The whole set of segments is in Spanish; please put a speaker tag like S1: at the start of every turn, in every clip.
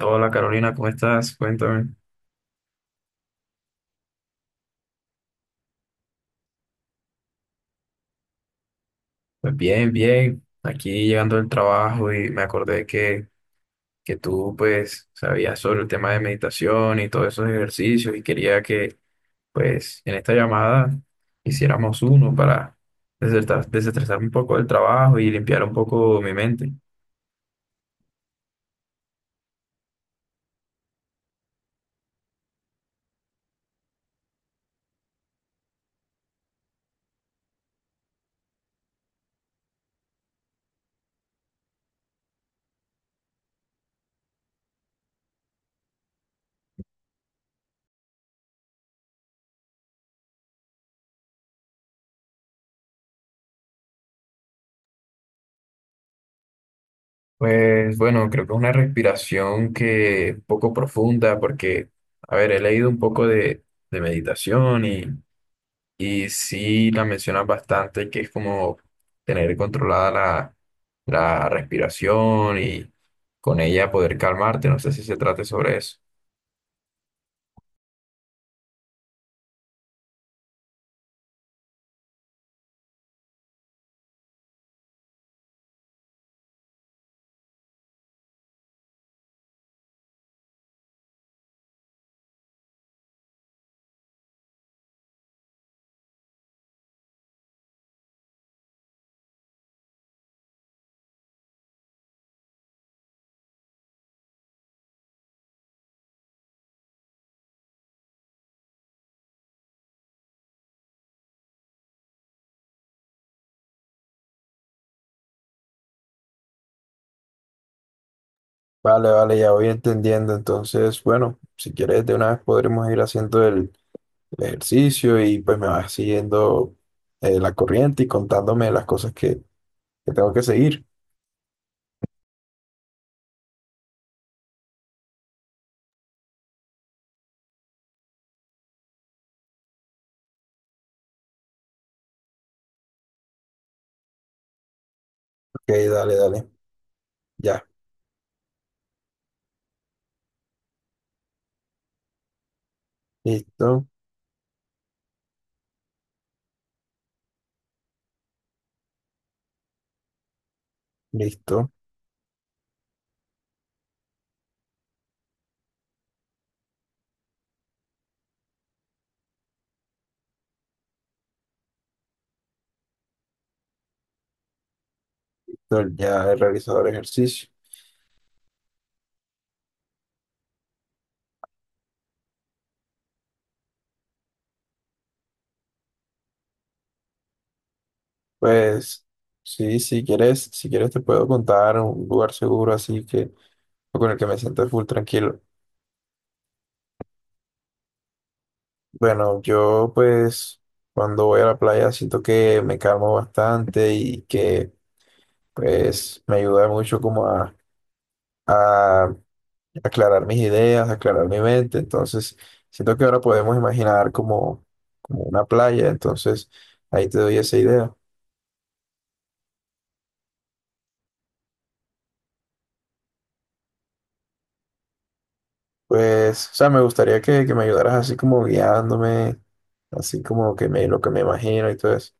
S1: Hola Carolina, ¿cómo estás? Cuéntame. Pues bien, bien. Aquí llegando del trabajo y me acordé que tú pues sabías sobre el tema de meditación y todos esos ejercicios y quería que pues en esta llamada hiciéramos uno para desestresarme un poco del trabajo y limpiar un poco mi mente. Pues bueno, creo que es una respiración que un poco profunda porque, a ver, he leído un poco de meditación. Y sí la mencionas bastante, que es como tener controlada la respiración y con ella poder calmarte. No sé si se trate sobre eso. Vale, vale, ya voy entendiendo. Entonces, bueno, si quieres, de una vez podremos ir haciendo el ejercicio y pues me vas siguiendo la corriente y contándome las cosas que tengo que seguir. Ok, dale, dale. Ya, listo, listo. Entonces, ya he realizado el ejercicio. Pues sí, si quieres, si quieres te puedo contar un lugar seguro así que con el que me siento full tranquilo. Bueno, yo pues cuando voy a la playa siento que me calmo bastante y que pues me ayuda mucho como a aclarar mis ideas, aclarar mi mente. Entonces siento que ahora podemos imaginar como una playa. Entonces ahí te doy esa idea. Pues, o sea, me gustaría que me ayudaras así como guiándome, así como que me, lo que me imagino y todo eso.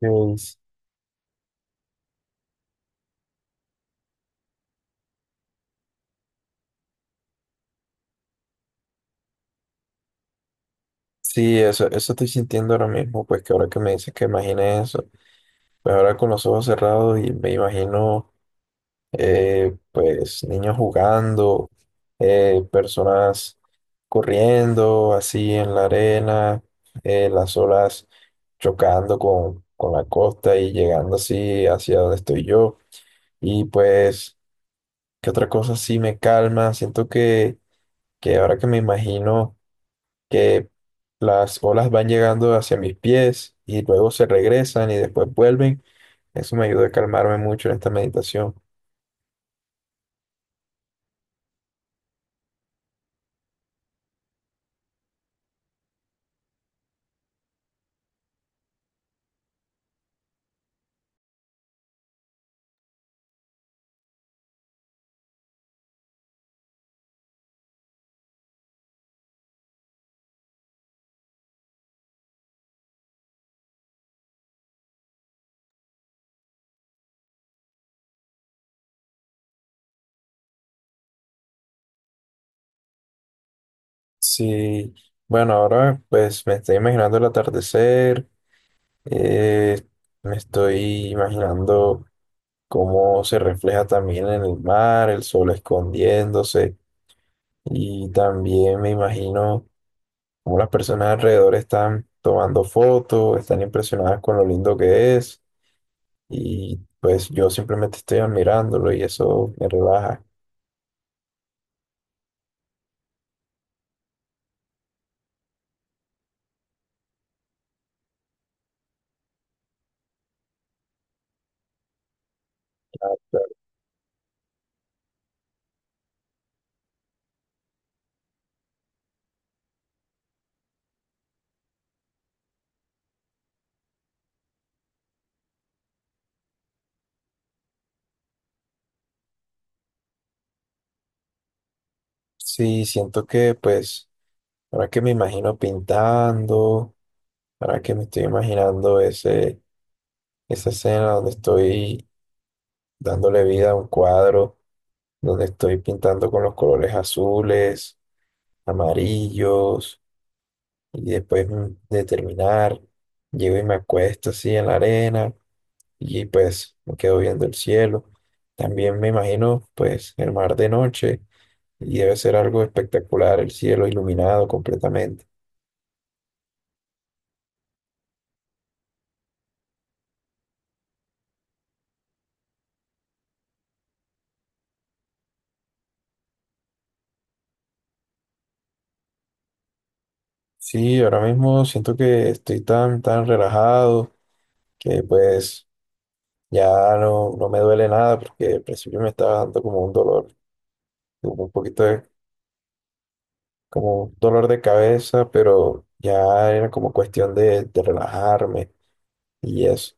S1: Pues, sí, eso estoy sintiendo ahora mismo, pues que ahora que me dices que imagine eso, pues ahora con los ojos cerrados y me imagino, pues, niños jugando, personas corriendo así en la arena, las olas chocando con la costa y llegando así hacia donde estoy yo. Y pues, que otra cosa sí me calma. Siento que ahora que me imagino que las olas van llegando hacia mis pies y luego se regresan y después vuelven, eso me ayuda a calmarme mucho en esta meditación. Sí, bueno, ahora pues me estoy imaginando el atardecer, eh, me estoy imaginando cómo se refleja también en el mar, el sol escondiéndose y también me imagino como las personas alrededor están tomando fotos, están impresionadas con lo lindo que es y pues yo simplemente estoy admirándolo y eso me relaja. Sí, siento que pues ahora que me imagino pintando, ahora que me estoy imaginando esa escena donde estoy dándole vida a un cuadro, donde estoy pintando con los colores azules, amarillos y después de terminar, llego y me acuesto así en la arena y pues me quedo viendo el cielo. También me imagino pues el mar de noche y debe ser algo espectacular, el cielo iluminado completamente. Sí, ahora mismo siento que estoy tan, tan relajado que pues ya no me duele nada porque al principio me estaba dando como un dolor, como un poquito como un dolor de cabeza, pero ya era como cuestión de relajarme y eso.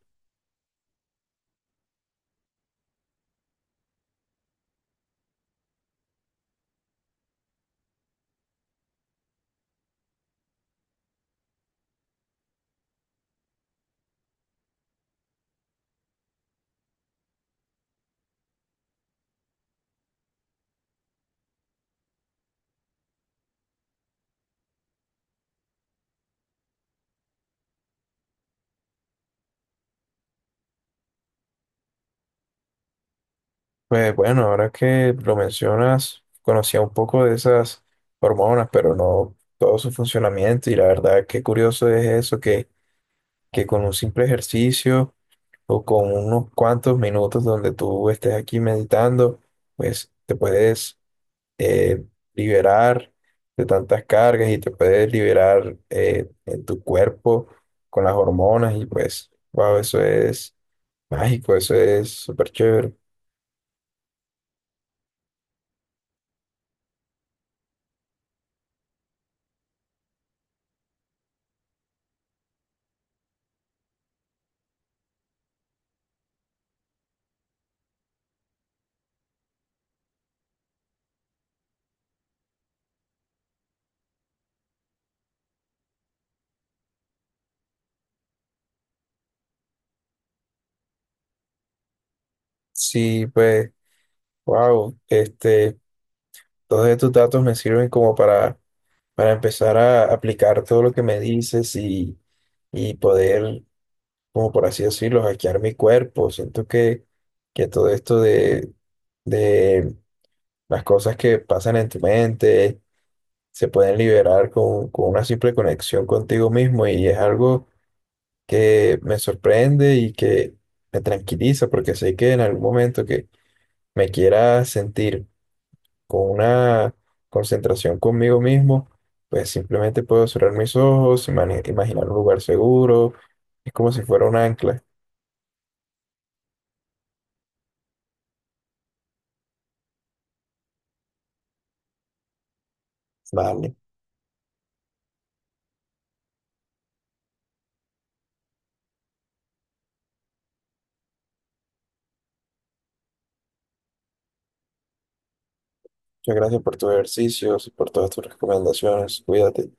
S1: Pues bueno, ahora que lo mencionas, conocía un poco de esas hormonas, pero no todo su funcionamiento. Y la verdad, qué curioso es eso, que con un simple ejercicio o con unos cuantos minutos donde tú estés aquí meditando, pues te puedes eh, liberar de tantas cargas y te puedes liberar en tu cuerpo con las hormonas. Y pues, wow, eso es mágico, eso es súper chévere. Sí, pues. Wow, este, todos estos datos me sirven como para empezar a aplicar todo lo que me dices y poder, como por así decirlo, hackear mi cuerpo. Siento que todo esto de las cosas que pasan en tu mente se pueden liberar con una simple conexión contigo mismo y es algo que me sorprende y que me tranquiliza porque sé que en algún momento que me quiera sentir con una concentración conmigo mismo, pues simplemente puedo cerrar mis ojos, imaginar un lugar seguro, es como si fuera un ancla. Vale, muchas gracias por tus ejercicios y por todas tus recomendaciones, cuídate.